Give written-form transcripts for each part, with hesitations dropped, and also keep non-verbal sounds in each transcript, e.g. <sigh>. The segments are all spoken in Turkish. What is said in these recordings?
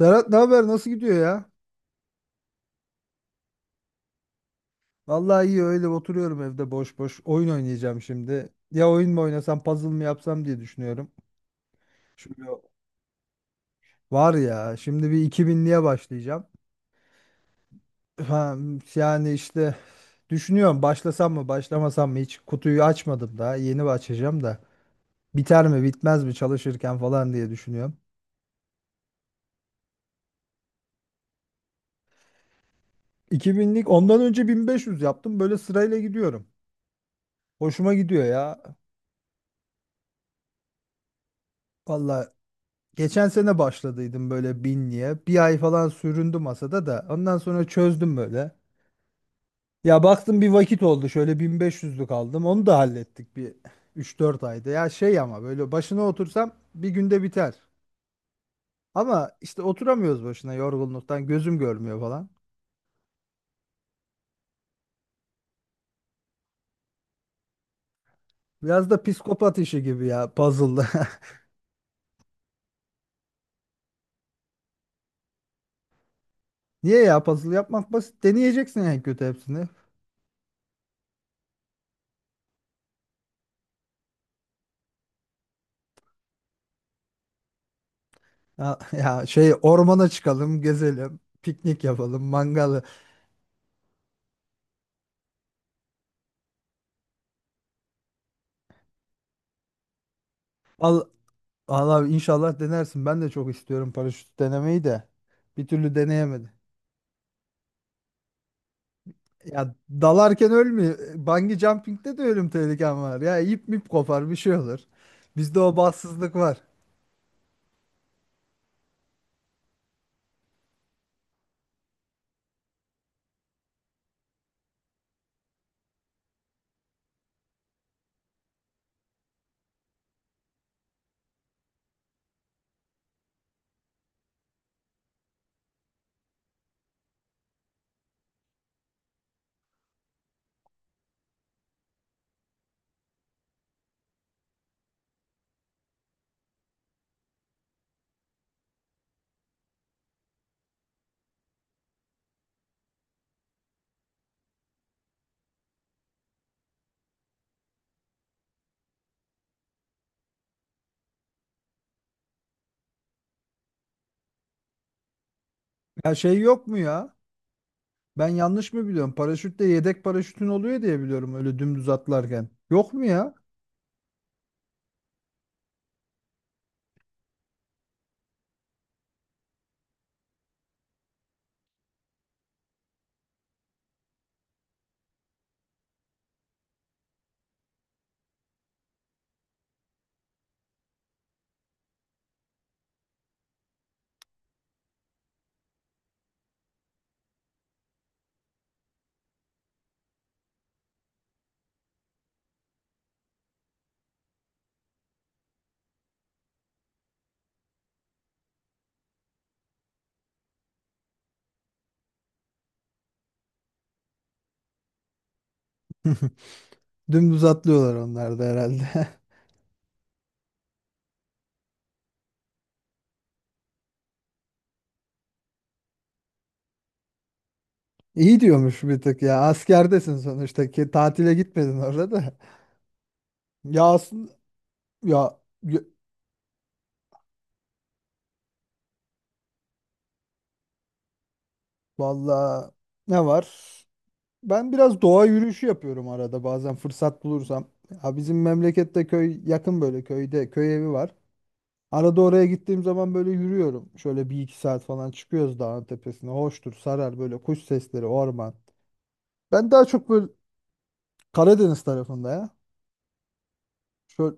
Serhat, ne haber? Nasıl gidiyor ya? Vallahi iyi, öyle oturuyorum evde boş boş. Oyun oynayacağım şimdi. Ya oyun mu oynasam, puzzle mı yapsam diye düşünüyorum. Şimdi o- Var ya, şimdi bir 2000'liğe başlayacağım. Ha, yani işte düşünüyorum, başlasam mı başlamasam mı, hiç kutuyu açmadım daha. Yeni açacağım da. Biter mi bitmez mi çalışırken falan diye düşünüyorum. 2000'lik, ondan önce 1500 yaptım. Böyle sırayla gidiyorum. Hoşuma gidiyor ya. Vallahi, geçen sene başladıydım böyle binliğe. Bir ay falan süründü masada da. Ondan sonra çözdüm böyle. Ya baktım bir vakit oldu. Şöyle 1500'lük aldım. Onu da hallettik bir üç dört ayda. Ya şey, ama böyle başına otursam bir günde biter. Ama işte oturamıyoruz başına yorgunluktan. Gözüm görmüyor falan. Biraz da psikopat işi gibi ya puzzle'da. <laughs> Niye ya, puzzle yapmak basit. Deneyeceksin en kötü hepsini. Ya, ya şey, ormana çıkalım, gezelim, piknik yapalım, mangalı. Al, Allah abi, inşallah denersin. Ben de çok istiyorum paraşüt denemeyi de. Bir türlü deneyemedim. Ya dalarken ölmüyor. Bungee jumping'de de ölüm tehlikem var. Ya ip mip kopar, bir şey olur. Bizde o bahtsızlık var. Ya şey, yok mu ya? Ben yanlış mı biliyorum? Paraşütte yedek paraşütün oluyor diye biliyorum, öyle dümdüz atlarken. Yok mu ya? <laughs> Dümdüz atlıyorlar onlar da herhalde. <laughs> İyi diyormuş bir tık ya. Askerdesin sonuçta ki, tatile gitmedin orada da. Ya aslında, Ya, y- valla ne var? Ben biraz doğa yürüyüşü yapıyorum arada, bazen fırsat bulursam. Ya bizim memlekette köy yakın, böyle köyde köy evi var. Arada oraya gittiğim zaman böyle yürüyorum. Şöyle bir iki saat falan çıkıyoruz dağın tepesine. Hoştur, sarar böyle kuş sesleri, orman. Ben daha çok böyle Karadeniz tarafında ya. Şöyle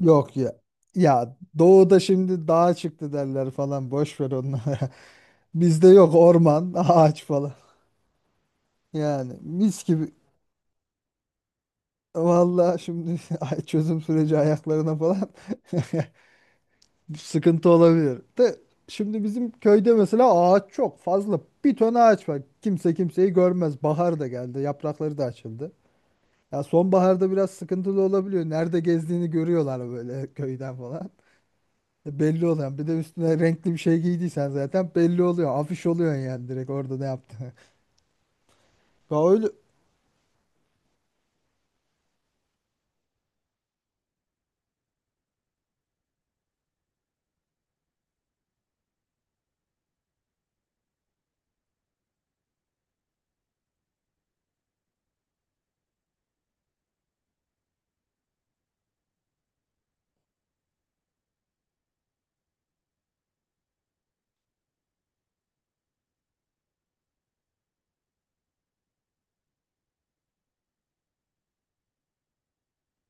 yok ya. Ya doğuda şimdi dağa çıktı derler falan, boş ver onları. <laughs> Bizde yok orman, <laughs> ağaç falan. Yani mis gibi. Vallahi şimdi <laughs> çözüm süreci ayaklarına falan <laughs> sıkıntı olabilir. De şimdi bizim köyde mesela ağaç çok fazla. Bir ton ağaç var. Kimse kimseyi görmez. Bahar da geldi. Yaprakları da açıldı. Ya sonbaharda biraz sıkıntılı olabiliyor. Nerede gezdiğini görüyorlar böyle <laughs> köyden falan. E, belli olan. Bir de üstüne renkli bir şey giydiysen zaten belli oluyor. Afiş oluyor yani, direkt orada ne yaptığını. <laughs> Ya öyle.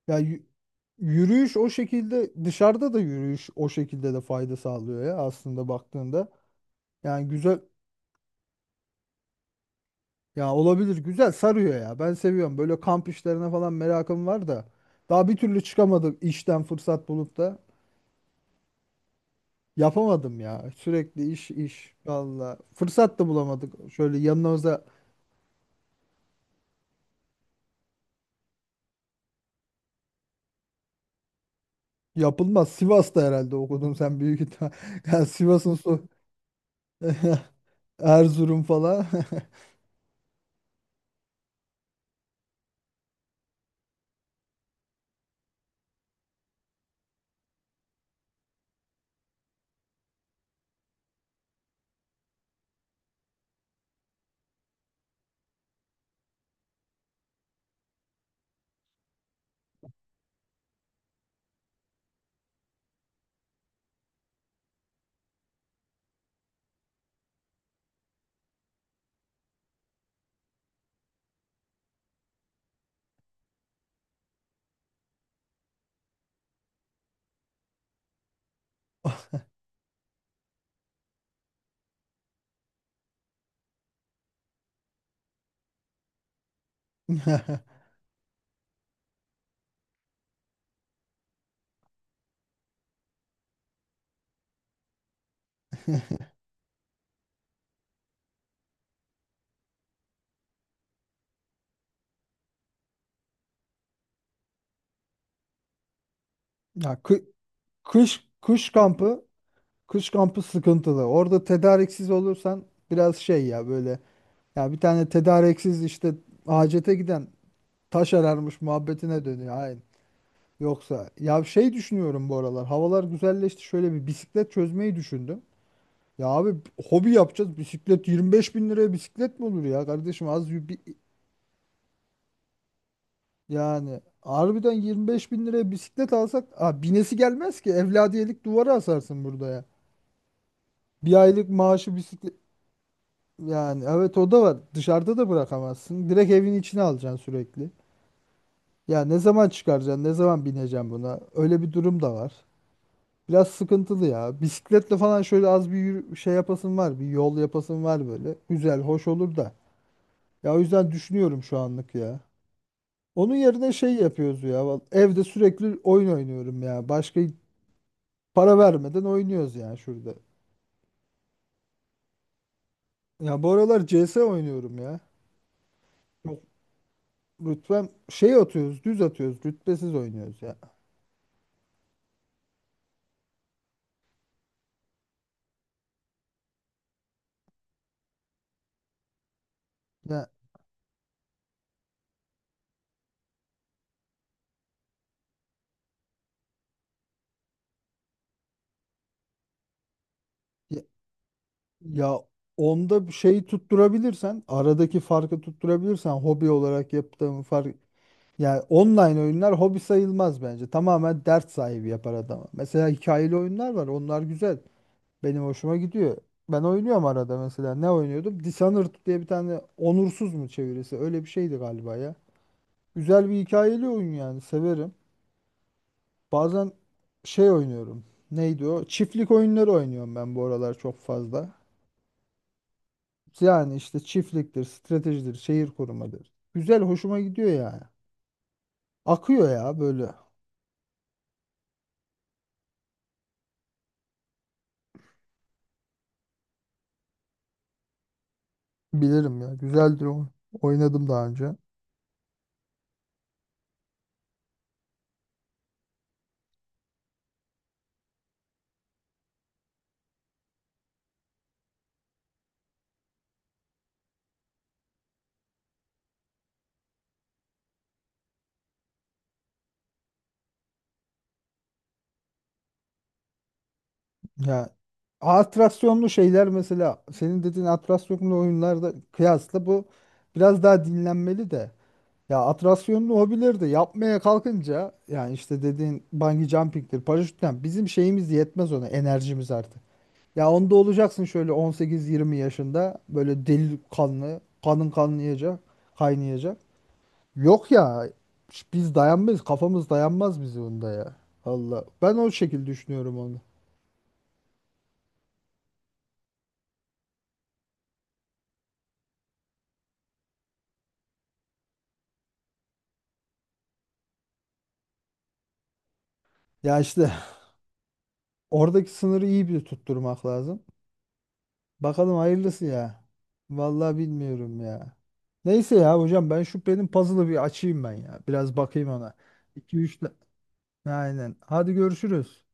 Ya yü- Yürüyüş o şekilde, dışarıda da yürüyüş o şekilde de fayda sağlıyor ya aslında baktığında. Yani güzel, ya olabilir, güzel sarıyor ya. Ben seviyorum. Böyle kamp işlerine falan merakım var da daha bir türlü çıkamadım işten fırsat bulup da, yapamadım ya. Sürekli iş iş valla. Fırsat da bulamadık. Şöyle yanımıza, yapılmaz. Sivas'ta herhalde okudun sen, büyük ihtimal. <laughs> Yani Sivas'ın su <laughs> Erzurum falan. <laughs> <laughs> Ya kı- Kış kış kampı kış kampı sıkıntılı. Orada tedariksiz olursan biraz şey ya böyle, ya bir tane tedariksiz işte, hacete giden taş ararmış muhabbetine dönüyor. Aynen. Yoksa ya şey, düşünüyorum bu aralar. Havalar güzelleşti. Şöyle bir bisiklet çözmeyi düşündüm. Ya abi, hobi yapacağız. Bisiklet 25 bin liraya bisiklet mi olur ya kardeşim? Az bir yani harbiden 25 bin liraya bisiklet alsak, aa, binesi gelmez ki. Evladiyelik, duvara asarsın burada ya. Bir aylık maaşı bisiklet. Yani evet, o da var. Dışarıda da bırakamazsın. Direkt evin içine alacaksın sürekli. Ya ne zaman çıkaracaksın? Ne zaman bineceksin buna? Öyle bir durum da var. Biraz sıkıntılı ya. Bisikletle falan şöyle az bir şey yapasın var. Bir yol yapasın var böyle. Güzel, hoş olur da. Ya o yüzden düşünüyorum şu anlık ya. Onun yerine şey yapıyoruz ya. Evde sürekli oyun oynuyorum ya. Başka para vermeden oynuyoruz ya şurada. Ya bu aralar C S oynuyorum ya. Çok rütbem şey, atıyoruz, düz atıyoruz. Rütbesiz oynuyoruz ya. Ya Ya, ya, onda bir şeyi tutturabilirsen, aradaki farkı tutturabilirsen, hobi olarak yaptığım fark, yani online oyunlar hobi sayılmaz bence. Tamamen dert sahibi yapar adamı. Mesela hikayeli oyunlar var. Onlar güzel. Benim hoşuma gidiyor. Ben oynuyorum arada mesela. Ne oynuyordum? Dishonored diye bir tane, onursuz mu çevirisi? Öyle bir şeydi galiba ya. Güzel bir hikayeli oyun yani. Severim. Bazen şey oynuyorum. Neydi o? Çiftlik oyunları oynuyorum ben bu aralar çok fazla. Yani işte çiftliktir, stratejidir, şehir korumadır. Güzel, hoşuma gidiyor yani. Akıyor ya böyle. Bilirim ya. Güzeldir o. Oynadım daha önce. Ya atraksiyonlu şeyler, mesela senin dediğin atraksiyonlu oyunlarda kıyasla bu biraz daha dinlenmeli de. Ya atraksiyonlu hobileri de yapmaya kalkınca, yani işte dediğin bungee jumping'tir, paraşütten bizim şeyimiz yetmez ona, enerjimiz artık. Ya onda olacaksın şöyle 18-20 yaşında, böyle deli kanlı, kanın kaynayacak. Yok ya, biz dayanmayız, kafamız dayanmaz bizi onda ya. Allah, ben o şekilde düşünüyorum onu. Ya işte <laughs> oradaki sınırı iyi bir tutturmak lazım. Bakalım hayırlısı ya. Vallahi bilmiyorum ya. Neyse ya hocam, ben şu benim puzzle'ı bir açayım ben ya. Biraz bakayım ona. 2 üç. Aynen. Hadi görüşürüz.